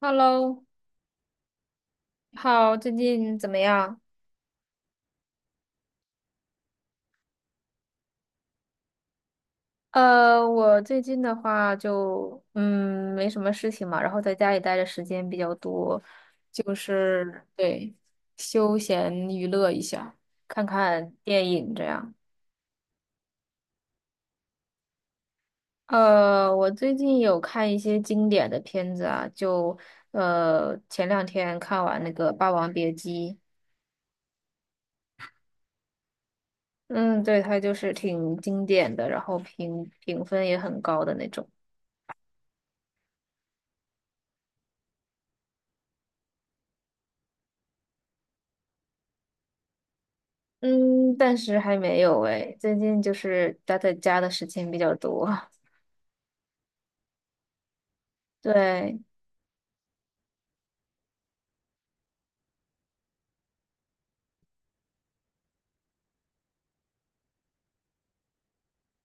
Hello，你好，最近怎么样？我最近的话就没什么事情嘛，然后在家里待的时间比较多，就是对休闲娱乐一下，看看电影这样。我最近有看一些经典的片子啊，就前两天看完那个《霸王别姬》，嗯，对，它就是挺经典的，然后评分也很高的那种。嗯，暂时还没有诶，最近就是待在家的时间比较多。对，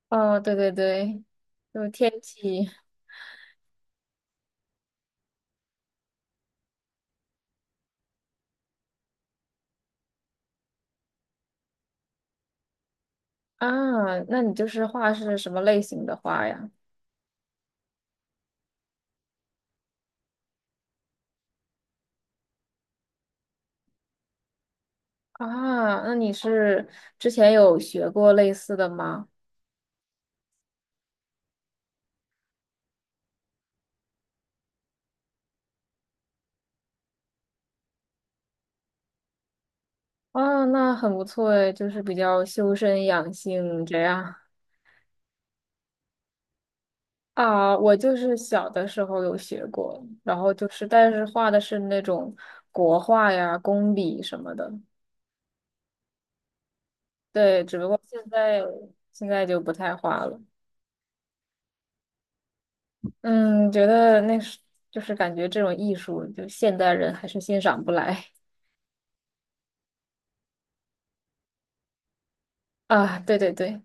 哦，对对对，就是天气啊，那你就是画是什么类型的画呀？啊，那你是之前有学过类似的吗？啊，那很不错诶，就是比较修身养性这样。啊，我就是小的时候有学过，然后就是，但是画的是那种国画呀、工笔什么的。对，只不过现在现在就不太画了。嗯，觉得那是就是感觉这种艺术，就现代人还是欣赏不来啊。对对对，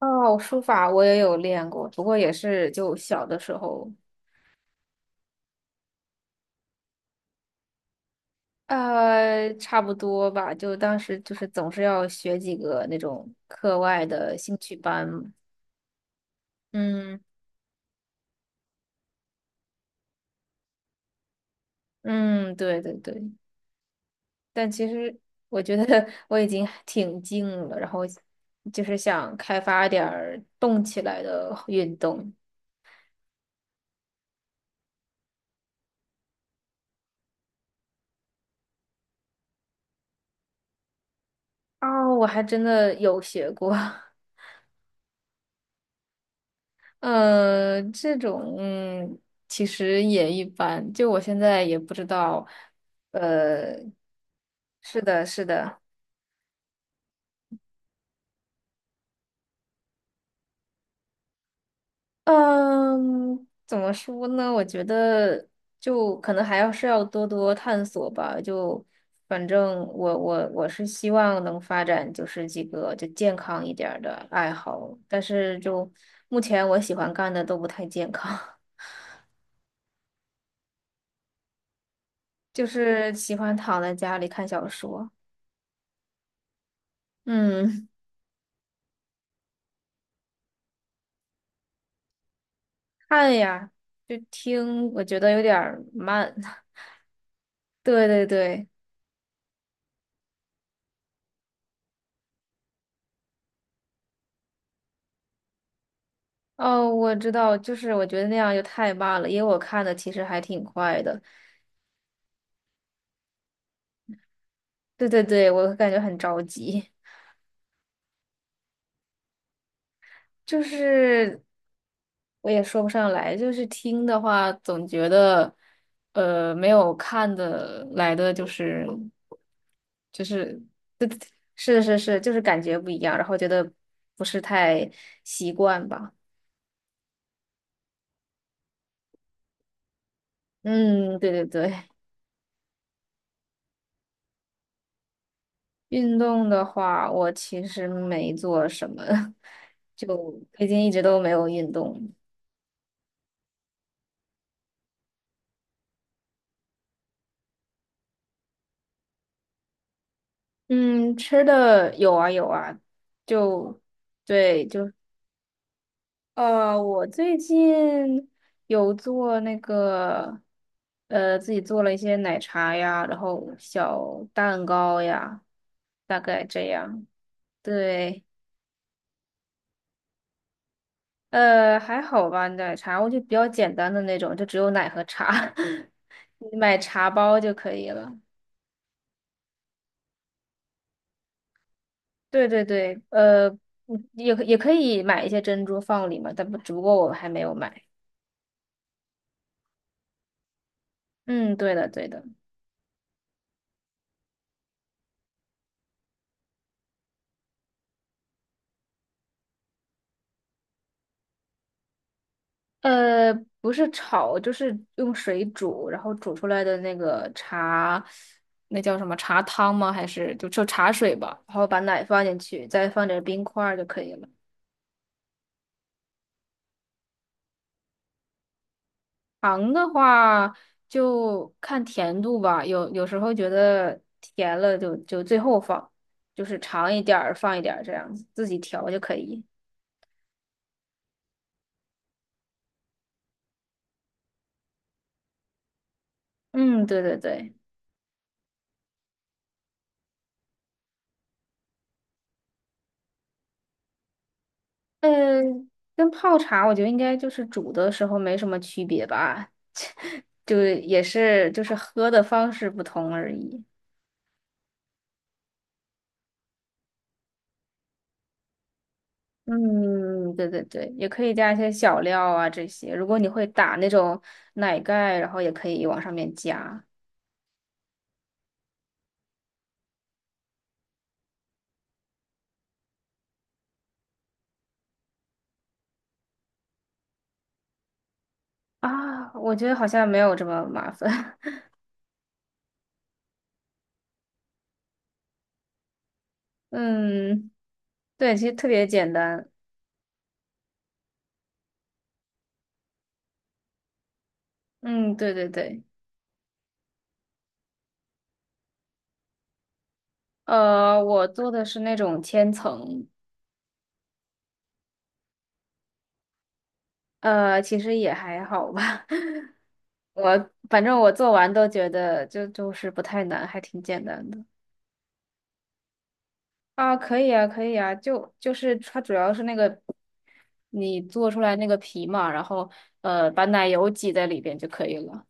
哦，书法我也有练过，不过也是就小的时候，差不多吧。就当时就是总是要学几个那种课外的兴趣班嘛。嗯嗯，对对对。但其实我觉得 我已经挺静了，然后就是想开发点儿动起来的运动。哦，我还真的有学过，这种其实也一般，就我现在也不知道，呃，是的，是的。嗯，怎么说呢？我觉得就可能还要是要多多探索吧。就反正我是希望能发展就是几个就健康一点儿的爱好，但是就目前我喜欢干的都不太健康，就是喜欢躺在家里看小说。嗯，看呀，就听，我觉得有点儿慢。对对对。哦，我知道，就是我觉得那样就太慢了，因为我看的其实还挺快的。对对对，我感觉很着急，就是我也说不上来，就是听的话，总觉得没有看的来的就是就是是，就是感觉不一样，然后觉得不是太习惯吧。嗯，对对对，运动的话，我其实没做什么，就最近一直都没有运动。嗯，吃的有啊有啊，就对，就我最近有做那个，呃，自己做了一些奶茶呀，然后小蛋糕呀，大概这样。对，还好吧，奶茶我就比较简单的那种，就只有奶和茶，你买茶包就可以了。对对对，嗯也可以买一些珍珠放里嘛，但不，只不过我还没有买。嗯，对的对的。呃，不是炒，就是用水煮，然后煮出来的那个茶，那叫什么茶汤吗？还是就茶水吧？然后把奶放进去，再放点冰块儿就可以了。糖的话就看甜度吧，有时候觉得甜了就最后放，就是尝一点儿放一点儿这样子，自己调就可以。嗯，对对对，嗯，跟泡茶我觉得应该就是煮的时候没什么区别吧。就也是就是喝的方式不同而已。嗯，对对对，也可以加一些小料啊这些。如果你会打那种奶盖，然后也可以往上面加啊。我觉得好像没有这么麻烦。嗯，对，其实特别简单。嗯，对对对。我做的是那种千层，其实也还好吧。我反正我做完都觉得就是不太难，还挺简单的。啊，可以啊，可以啊，就是它主要是那个你做出来那个皮嘛，然后把奶油挤在里边就可以了。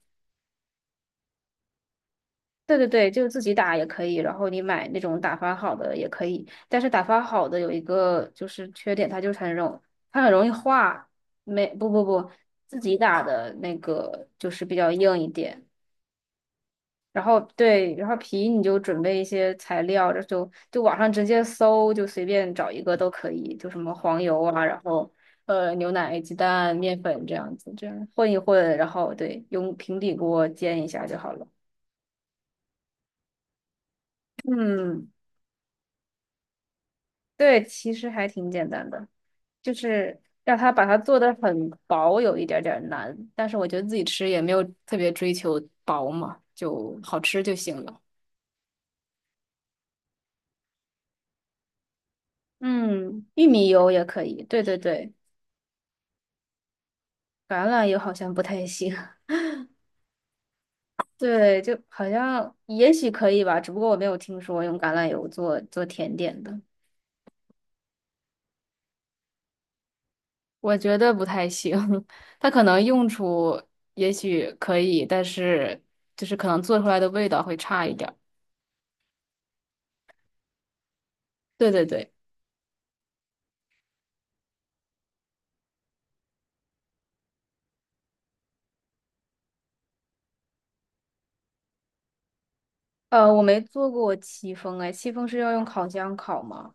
对对对，就自己打也可以，然后你买那种打发好的也可以，但是打发好的有一个就是缺点，它就是它很容易化，没不不不，自己打的那个就是比较硬一点。然后对，然后皮你就准备一些材料，这就网上直接搜，就随便找一个都可以，就什么黄油啊，然后牛奶、鸡蛋、面粉这样子，这样混一混，然后对，用平底锅煎一下就好了。嗯，对，其实还挺简单的，就是让它做的很薄，有一点点儿难，但是我觉得自己吃也没有特别追求薄嘛，就好吃就行了。嗯，玉米油也可以，对对对。橄榄油好像不太行，对，就好像也许可以吧，只不过我没有听说用橄榄油做甜点的，我觉得不太行。它可能用处也许可以，但是就是可能做出来的味道会差一点儿。对对对，我没做过戚风，哎，戚风是要用烤箱烤吗？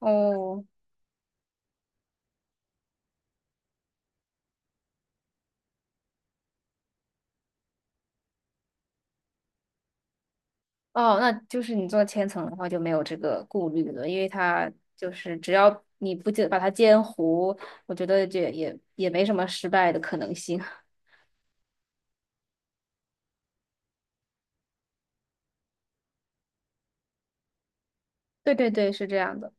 哦，哦，那就是你做千层的话就没有这个顾虑了，因为它就是只要你不煎把它煎糊，我觉得这也没什么失败的可能性。对对对，是这样的。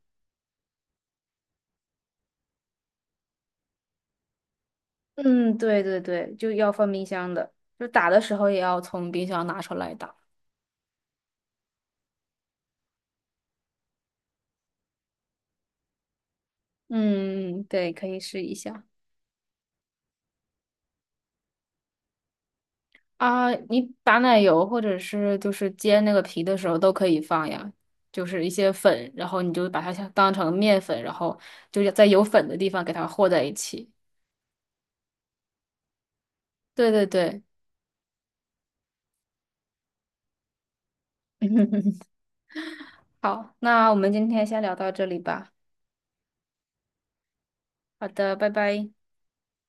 嗯，对对对，就要放冰箱的，就打的时候也要从冰箱拿出来打。嗯，对，可以试一下啊。你打奶油或者是就是煎那个皮的时候都可以放呀，就是一些粉，然后你就把它像当成面粉，然后就在有粉的地方给它和在一起。对对对，好，那我们今天先聊到这里吧。好的，拜拜。